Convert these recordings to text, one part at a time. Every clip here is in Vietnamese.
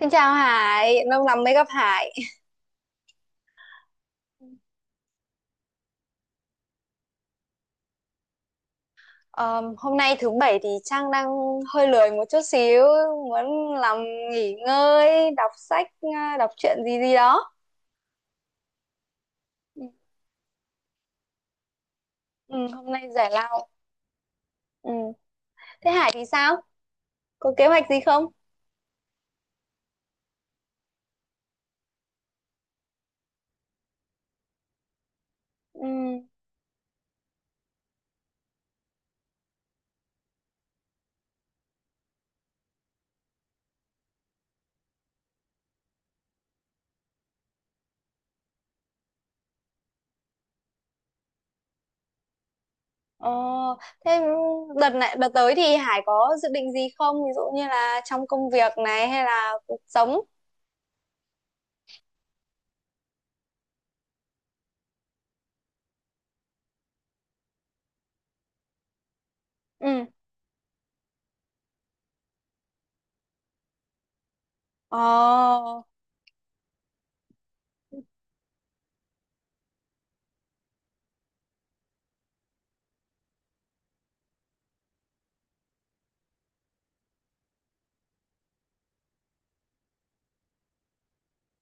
Xin chào Hải, lâu lắm mới gặp Hải. Ờ, Hôm nay thứ bảy thì Trang đang hơi lười một chút xíu, muốn làm nghỉ ngơi, đọc sách, à, đọc truyện gì gì đó. Ừ, ừ, hôm nay giải lao. Ừ. Thế Hải thì sao? Có kế hoạch gì không? Ừ. Ờ, Thế đợt tới thì Hải có dự định gì không? Ví dụ như là trong công việc này hay là cuộc sống? Ừ. Ờ.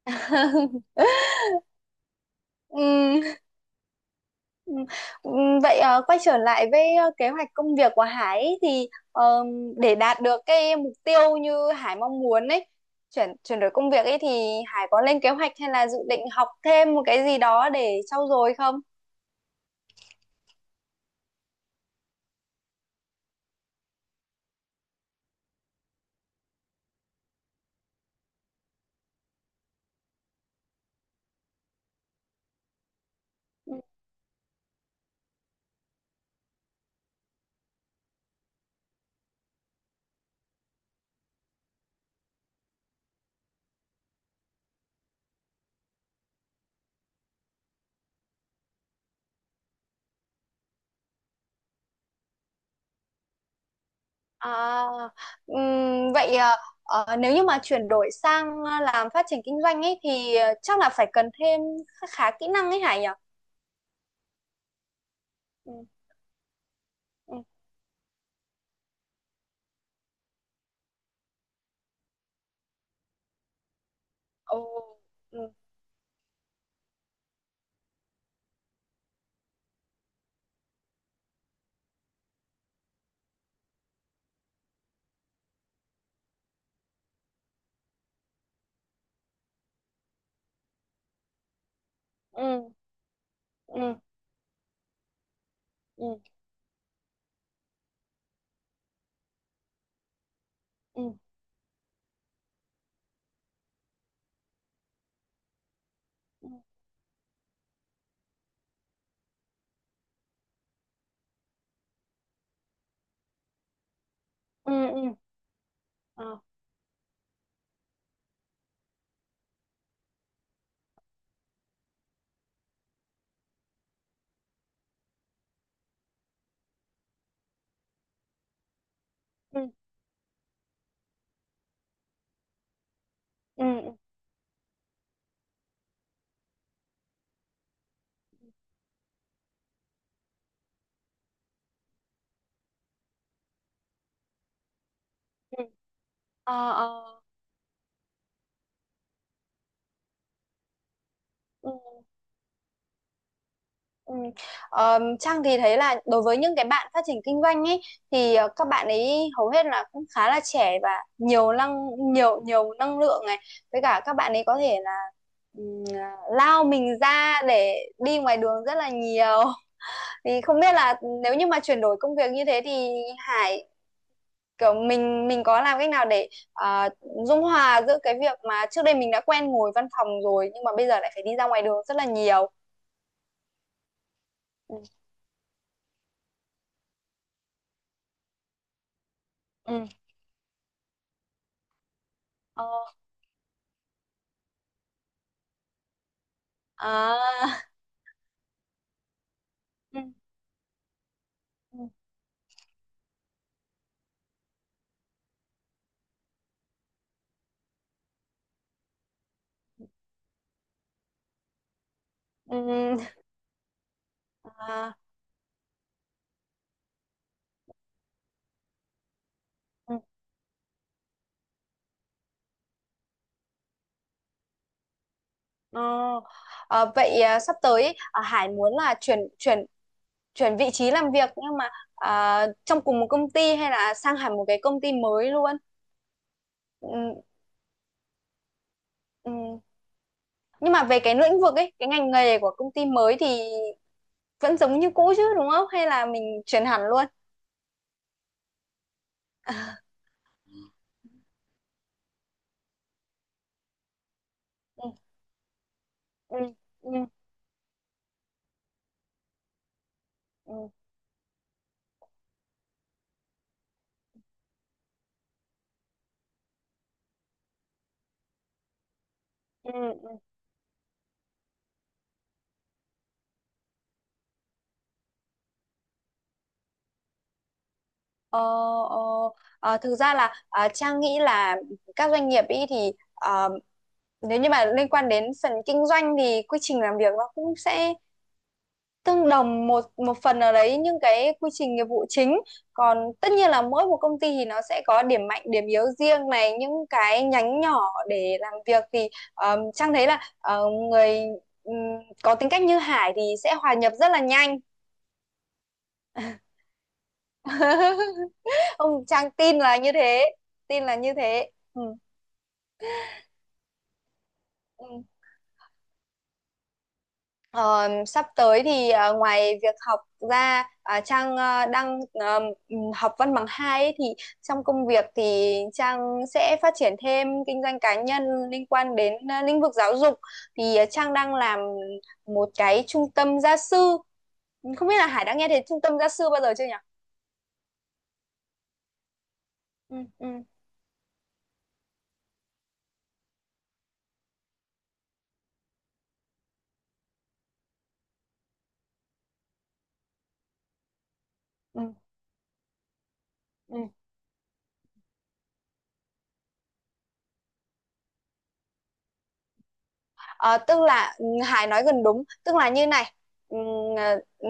Ừ. Ừ, ừ. Vậy quay trở lại với kế hoạch công việc của Hải ấy, thì để đạt được cái mục tiêu như Hải mong muốn ấy, chuyển chuyển đổi công việc ấy thì Hải có lên kế hoạch hay là dự định học thêm một cái gì đó để trau dồi không? À, vậy nếu như mà chuyển đổi sang làm phát triển kinh doanh ấy thì chắc là phải cần thêm khá kỹ năng ấy Hải nhỉ? Ừ, ừ, ồ, ừ, ừ, ừ, ừ, ừ, ừ, ừ, ừ, ừ, ờ, ừ. Ừ, ừ, ừ. Ờ, ờ. Ừ, ừ. Trang thì thấy là đối với những cái bạn phát triển kinh doanh ấy thì các bạn ấy hầu hết là cũng khá là trẻ và nhiều năng nhiều năng lượng này, với cả các bạn ấy có thể là à, lao mình ra để đi ngoài đường rất là nhiều. Thì không biết là nếu như mà chuyển đổi công việc như thế thì Hải kiểu mình có làm cách nào để ờ, dung hòa giữa cái việc mà trước đây mình đã quen ngồi văn phòng rồi nhưng mà bây giờ lại phải đi ra ngoài đường rất là nhiều? Ừ, ừ, ờ, à, ừ, ừ, ừ, à, ừ, ờ. Vậy à, sắp tới ý, à, Hải muốn là chuyển chuyển chuyển vị trí làm việc nhưng mà à, trong cùng một công ty hay là sang hẳn một cái công ty mới luôn? Ừ, ừ. Nhưng mà về cái lĩnh vực ấy, cái ngành nghề của công ty mới thì vẫn giống như cũ chứ đúng không, hay là mình chuyển hẳn luôn? Ừ, ừ, ừ, ừ, ừ, ừ. Ờ, ờ, thực ra là à, Trang nghĩ là các doanh nghiệp ý thì nếu như mà liên quan đến phần kinh doanh thì quy trình làm việc nó cũng sẽ tương đồng một một phần nào đấy, những cái quy trình nghiệp vụ chính, còn tất nhiên là mỗi một công ty thì nó sẽ có điểm mạnh điểm yếu riêng này, những cái nhánh nhỏ để làm việc thì Trang thấy là người ừm, có tính cách như Hải thì sẽ hòa nhập rất là nhanh. Không, Trang tin là như thế, tin là như thế. Ừ. Ừ. Ờ, Sắp tới thì ngoài việc học ra, à, Trang đang học văn bằng hai ấy, thì trong công việc thì Trang sẽ phát triển thêm kinh doanh cá nhân liên quan đến lĩnh vực giáo dục, thì Trang đang làm một cái trung tâm gia sư. Không biết là Hải đã nghe thấy trung tâm gia sư bao giờ chưa nhỉ? Ừ, ừ, ừ. Ừ. Ờ, Tức là, ừ, Hải nói gần đúng, tức là như này. Ừ,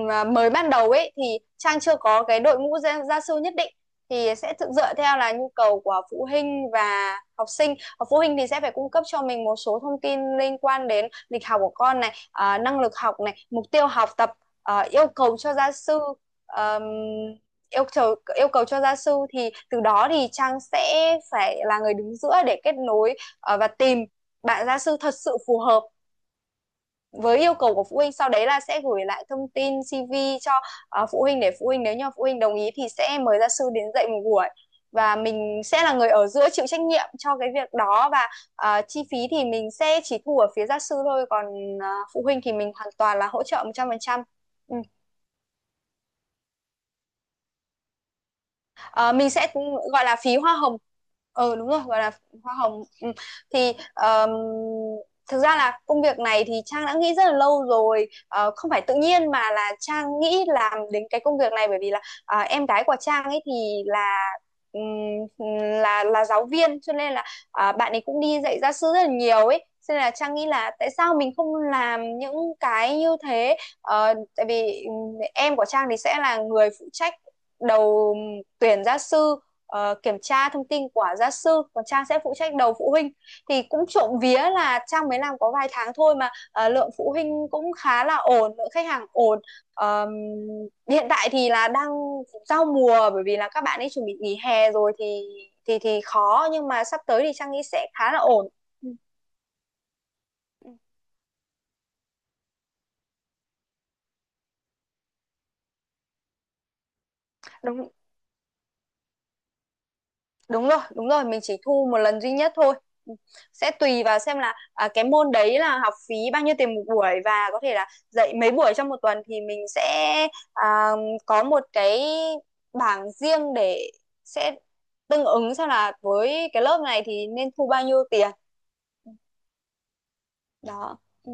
ờ, mới ban đầu ấy thì Trang chưa có cái đội ngũ gia sư nhất định, thì sẽ thực dựa theo là nhu cầu của phụ huynh và học sinh. Ờ, phụ huynh thì sẽ phải cung cấp cho mình một số thông tin liên quan đến lịch học của con này, năng lực học này, mục tiêu học tập, yêu cầu cho gia sư. Ờm, yêu cầu yêu cầu cho gia sư, thì từ đó thì Trang sẽ phải là người đứng giữa để kết nối, và tìm bạn gia sư thật sự phù hợp với yêu cầu của phụ huynh, sau đấy là sẽ gửi lại thông tin CV cho phụ huynh, để phụ huynh nếu như phụ huynh đồng ý thì sẽ mời gia sư đến dạy một buổi, và mình sẽ là người ở giữa chịu trách nhiệm cho cái việc đó. Và chi phí thì mình sẽ chỉ thu ở phía gia sư thôi, còn phụ huynh thì mình hoàn toàn là hỗ trợ 100%. Ừ. Ờ, mình sẽ gọi là phí hoa hồng. Đúng rồi, gọi là hoa hồng. Ừ. Thì thực ra là công việc này thì Trang đã nghĩ rất là lâu rồi. Ờ, không phải tự nhiên mà là Trang nghĩ làm đến cái công việc này, bởi vì là à, em gái của Trang ấy thì là, ừm, là giáo viên, cho nên là à, bạn ấy cũng đi dạy gia sư rất là nhiều ấy, cho nên là Trang nghĩ là tại sao mình không làm những cái như thế. Ờ, tại vì em của Trang thì sẽ là người phụ trách đầu tuyển gia sư, kiểm tra thông tin của gia sư, còn Trang sẽ phụ trách đầu phụ huynh, thì cũng trộm vía là Trang mới làm có vài tháng thôi mà lượng phụ huynh cũng khá là ổn, lượng khách hàng ổn. Ờm, Hiện tại thì là đang giao mùa, bởi vì là các bạn ấy chuẩn bị nghỉ hè rồi thì khó, nhưng mà sắp tới thì Trang nghĩ sẽ khá là ổn. Ừ. Đúng đúng rồi mình chỉ thu một lần duy nhất thôi, sẽ tùy vào xem là à, cái môn đấy là học phí bao nhiêu tiền một buổi và có thể là dạy mấy buổi trong một tuần, thì mình sẽ à, có một cái bảng riêng để sẽ tương ứng xem là với cái lớp này thì nên thu bao nhiêu tiền đó. Ừ.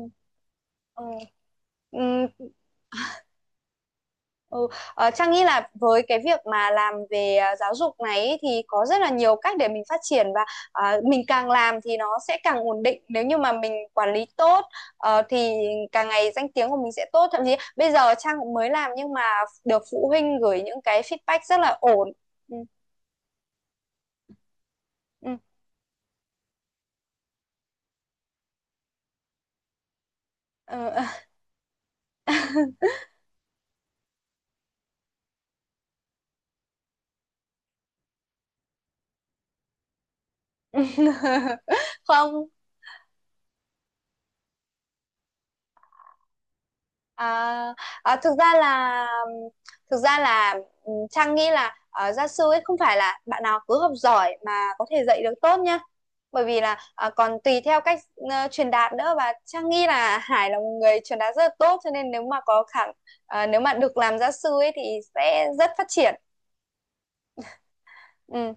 Ừ. Ừ. Ừ. Trang nghĩ là với cái việc mà làm về à, giáo dục này ý, thì có rất là nhiều cách để mình phát triển, và à, mình càng làm thì nó sẽ càng ổn định nếu như mà mình quản lý tốt, thì càng ngày danh tiếng của mình sẽ tốt, thậm chí bây giờ Trang cũng mới làm nhưng mà được phụ huynh gửi những cái feedback rất là ổn. Ừ. Ừ. Ờ. Không. À, à, thực ra là ừ, Trang nghĩ là gia sư ấy không phải là bạn nào cứ học giỏi mà có thể dạy được tốt nhá, bởi vì là còn tùy theo cách truyền đạt nữa, và Trang nghĩ là Hải là một người truyền đạt rất là tốt, cho nên nếu mà nếu mà được làm gia sư ấy thì sẽ rất phát triển. Ừ,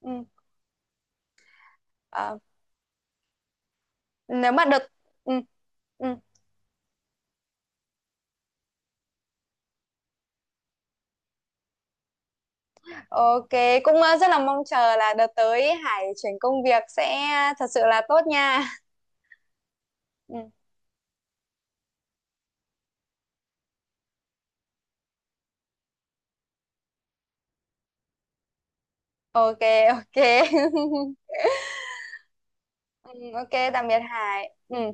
ừ. Ờ, nếu mà được. Ừ, ừ. Ok, cũng rất là mong chờ là đợt tới Hải chuyển công việc sẽ thật sự là tốt nha. Ừ. Ok, ok. Ừ, ok, tạm biệt Hải. Ừ.